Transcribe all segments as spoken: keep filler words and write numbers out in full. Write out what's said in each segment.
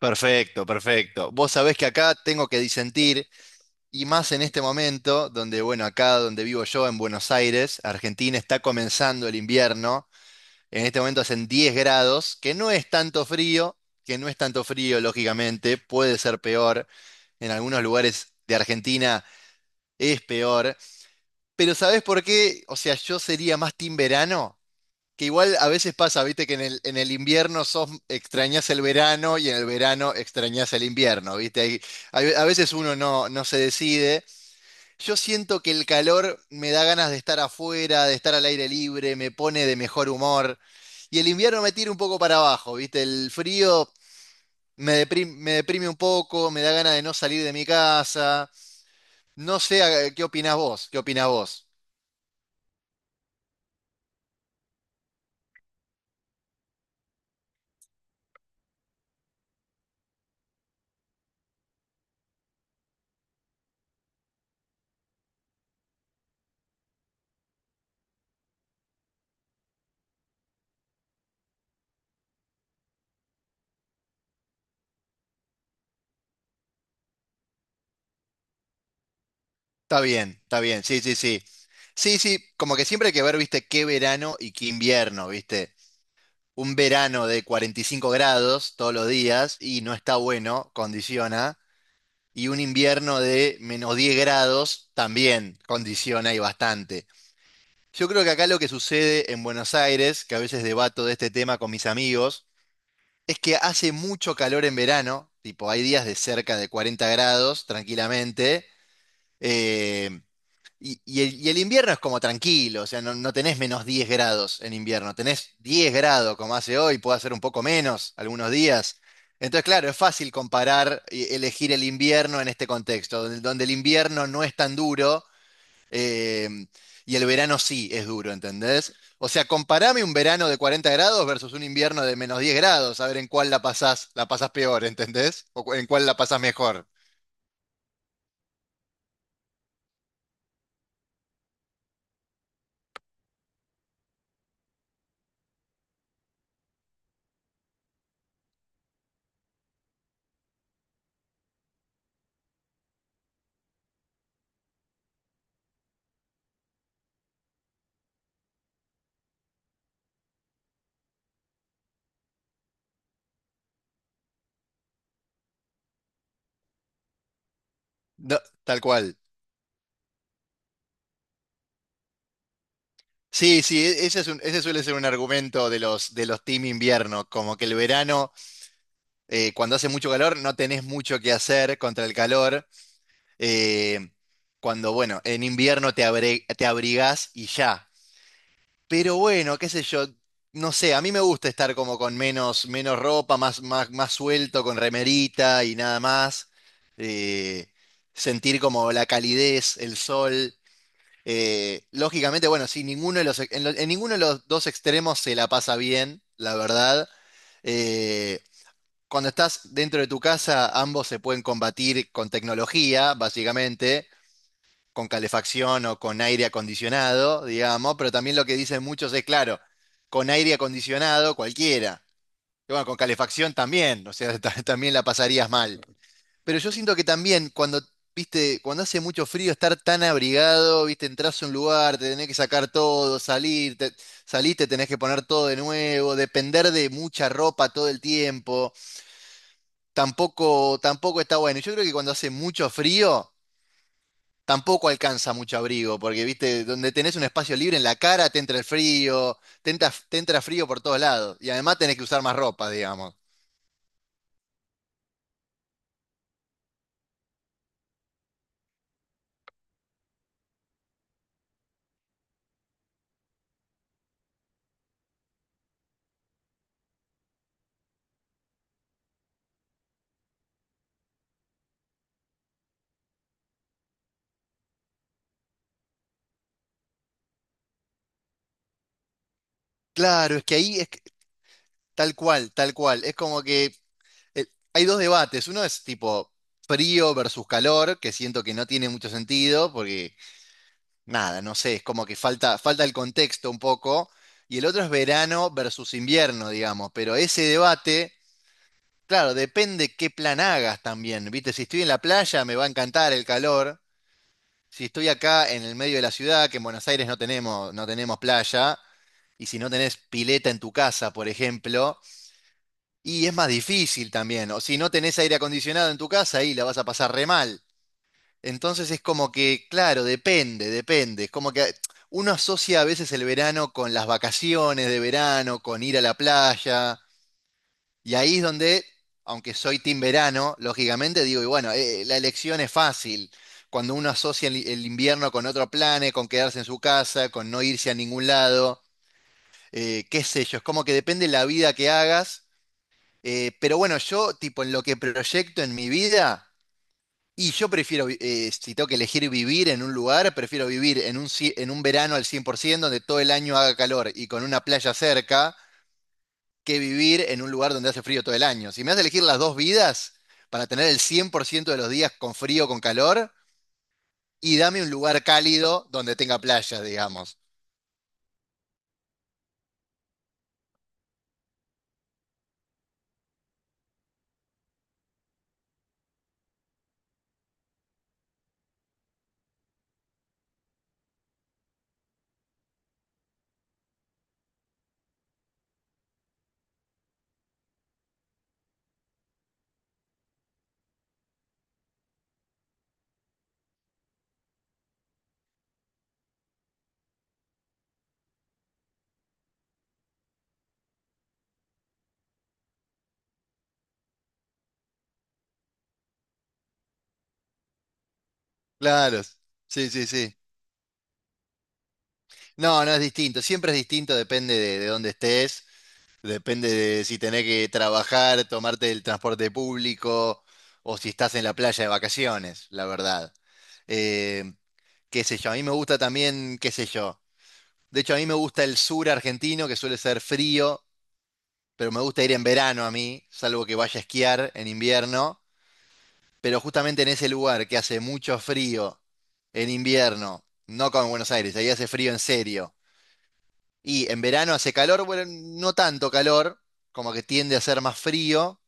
Perfecto, perfecto. Vos sabés que acá tengo que disentir, y más en este momento, donde, bueno, acá donde vivo yo, en Buenos Aires, Argentina, está comenzando el invierno. En este momento hacen diez grados, que no es tanto frío, que no es tanto frío, lógicamente, puede ser peor. En algunos lugares de Argentina es peor. Pero ¿sabés por qué? O sea, yo sería más team verano que igual a veces pasa, viste, que en el, en el invierno sos, extrañas el verano y en el verano extrañas el invierno, viste. Hay- hay- a veces uno no, no se decide. Yo siento que el calor me da ganas de estar afuera, de estar al aire libre, me pone de mejor humor. Y el invierno me tira un poco para abajo, viste. El frío me deprime, me deprime un poco, me da ganas de no salir de mi casa. No sé, eh, ¿qué opinás vos? ¿Qué opinás vos? Está bien, está bien, sí, sí, sí. Sí, sí, como que siempre hay que ver, viste, qué verano y qué invierno, viste. Un verano de cuarenta y cinco grados todos los días y no está bueno, condiciona. Y un invierno de menos diez grados también condiciona y bastante. Yo creo que acá lo que sucede en Buenos Aires, que a veces debato de este tema con mis amigos, es que hace mucho calor en verano, tipo hay días de cerca de cuarenta grados tranquilamente. Eh, Y, y el, y el invierno es como tranquilo, o sea, no, no tenés menos diez grados en invierno, tenés diez grados como hace hoy, puede hacer un poco menos algunos días. Entonces, claro, es fácil comparar y elegir el invierno en este contexto, donde, donde el invierno no es tan duro eh, y el verano sí es duro, ¿entendés? O sea, comparame un verano de cuarenta grados versus un invierno de menos diez grados, a ver en cuál la pasás, la pasás peor, ¿entendés? O cu- en cuál la pasás mejor. No, tal cual. Sí, sí, e- ese es un- ese suele ser un argumento de los, de los team invierno, como que el verano, eh, cuando hace mucho calor, no tenés mucho que hacer contra el calor, eh, cuando, bueno, en invierno te abre- te abrigás y ya. Pero bueno, qué sé yo, no sé, a mí me gusta estar como con menos, menos ropa, más, más, más suelto, con remerita y nada más, eh, sentir como la calidez, el sol. Eh, lógicamente, bueno, sí, ninguno de los, en, lo- en ninguno de los dos extremos se la pasa bien, la verdad. Eh, cuando estás dentro de tu casa, ambos se pueden combatir con tecnología, básicamente, con calefacción o con aire acondicionado, digamos, pero también lo que dicen muchos es, claro, con aire acondicionado cualquiera. Y bueno, con calefacción también, o sea, ta- también la pasarías mal. Pero yo siento que también cuando, viste, cuando hace mucho frío, estar tan abrigado, viste, entras a un lugar, te tenés que sacar todo, salir, te, salís, te tenés que poner todo de nuevo, depender de mucha ropa todo el tiempo, tampoco, tampoco está bueno. Yo creo que cuando hace mucho frío, tampoco alcanza mucho abrigo, porque, viste, donde tenés un espacio libre en la cara, te entra el frío, te entra, te entra frío por todos lados, y además tenés que usar más ropa, digamos. Claro, es que ahí es que- tal cual, tal cual. Es como que eh, hay dos debates. Uno es tipo frío versus calor, que siento que no tiene mucho sentido, porque nada, no sé, es como que falta, falta el contexto un poco. Y el otro es verano versus invierno, digamos. Pero ese debate, claro, depende qué plan hagas también. Viste, si estoy en la playa, me va a encantar el calor. Si estoy acá en el medio de la ciudad, que en Buenos Aires no tenemos, no tenemos playa, y si no tenés pileta en tu casa, por ejemplo. Y es más difícil también, o si no tenés aire acondicionado en tu casa, ahí la vas a pasar re mal. Entonces es como que, claro, depende, depende. Es como que uno asocia a veces el verano con las vacaciones de verano, con ir a la playa, y ahí es donde, aunque soy team verano, lógicamente digo, y bueno, eh, la elección es fácil. Cuando uno asocia el, el invierno con otro planes, con quedarse en su casa, con no irse a ningún lado, eh, qué sé yo, es como que depende la vida que hagas eh, pero bueno, yo, tipo, en lo que proyecto en mi vida, y yo prefiero, vi- eh, si tengo que elegir vivir en un lugar, prefiero vivir en un, ci- en un verano al cien por ciento donde todo el año haga calor y con una playa cerca, que vivir en un lugar donde hace frío todo el año. Si me hace elegir las dos vidas para tener el cien por ciento de los días con frío, con calor, y dame un lugar cálido donde tenga playa, digamos. Claro, sí, sí, sí. No, no es distinto, siempre es distinto, depende de, de dónde estés. Depende de si tenés que trabajar, tomarte el transporte público o si estás en la playa de vacaciones, la verdad. Eh, qué sé yo, a mí me gusta también, qué sé yo. De hecho, a mí me gusta el sur argentino, que suele ser frío, pero me gusta ir en verano a mí, salvo que vaya a esquiar en invierno. Pero justamente en ese lugar que hace mucho frío en invierno, no como en Buenos Aires, ahí hace frío en serio. Y en verano hace calor, bueno, no tanto calor, como que tiende a ser más frío.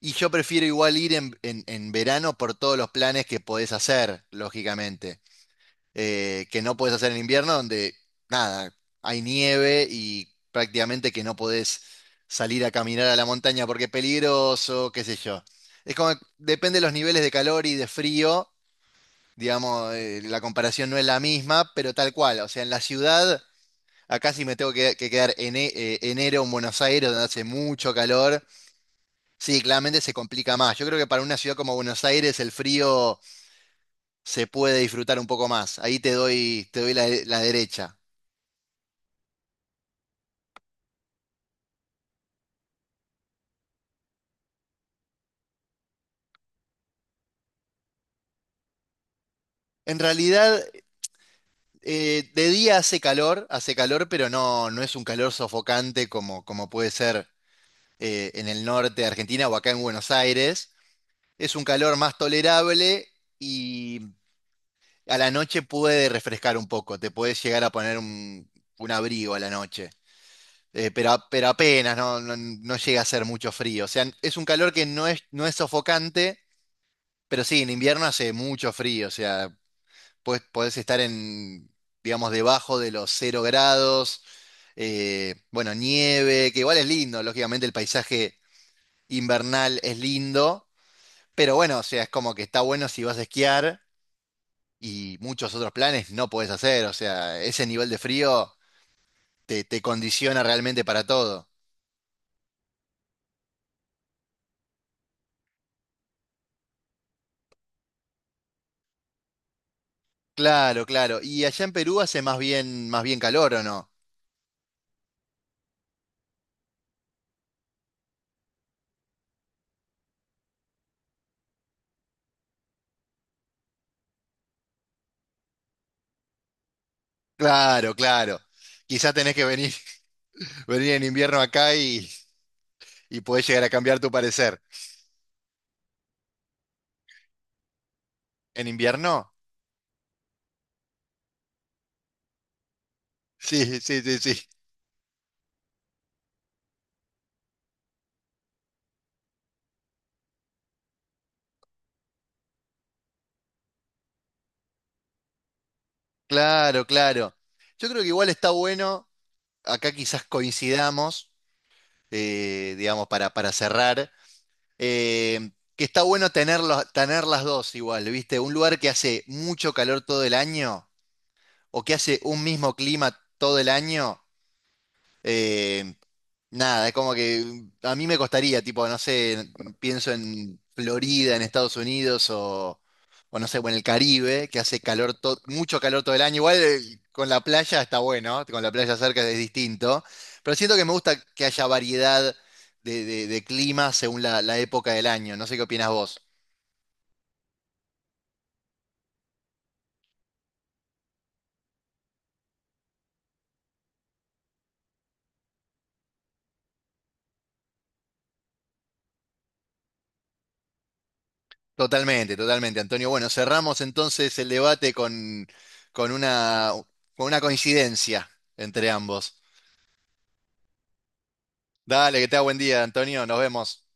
Y yo prefiero igual ir en, en- en verano por todos los planes que podés hacer, lógicamente, eh, que no podés hacer en invierno, donde nada, hay nieve y prácticamente que no podés salir a caminar a la montaña porque es peligroso, qué sé yo. Es como, que depende de los niveles de calor y de frío, digamos, eh, la comparación no es la misma, pero tal cual, o sea, en la ciudad, acá sí me tengo que, que quedar en e- eh, enero en Buenos Aires, donde hace mucho calor. Sí, claramente se complica más. Yo creo que para una ciudad como Buenos Aires el frío se puede disfrutar un poco más. Ahí te doy, te doy la, la derecha. En realidad, eh, de día hace calor, hace calor, pero no, no es un calor sofocante como, como puede ser eh, en el norte de Argentina o acá en Buenos Aires. Es un calor más tolerable y a la noche puede refrescar un poco. Te puedes llegar a poner un, un abrigo a la noche. Eh, pero, a- pero apenas, no, no, no llega a ser mucho frío. O sea, es un calor que no es, no es sofocante, pero sí, en invierno hace mucho frío. O sea, puedes, podés estar en, digamos, debajo de los cero grados. eh, bueno, nieve, que igual es lindo. Lógicamente el paisaje invernal es lindo. Pero bueno, o sea, es como que está bueno si vas a esquiar y muchos otros planes no podés hacer. O sea, ese nivel de frío te, te condiciona realmente para todo. Claro, claro. Y allá en Perú hace más bien, más bien calor, ¿o no? Claro, claro. Quizás tenés que venir, venir en invierno acá y, y podés llegar a cambiar tu parecer. ¿En invierno? Sí, sí, sí, sí. Claro, claro. Yo creo que igual está bueno, acá quizás coincidamos, eh, digamos, para, para cerrar, eh, que está bueno tener, los- tener las dos igual, ¿viste? Un lugar que hace mucho calor todo el año o que hace un mismo clima todo el año. eh, Nada, es como que a mí me costaría, tipo, no sé, pienso en Florida, en Estados Unidos o, o no sé, o en el Caribe, que hace calor, to- mucho calor todo el año. Igual eh, con la playa está bueno, con la playa cerca es distinto, pero siento que me gusta que haya variedad de, de, de, clima según la, la época del año. No sé qué opinas vos. Totalmente, totalmente, Antonio. Bueno, cerramos entonces el debate con, con una, con una coincidencia entre ambos. Dale, que te tenga buen día, Antonio. Nos vemos.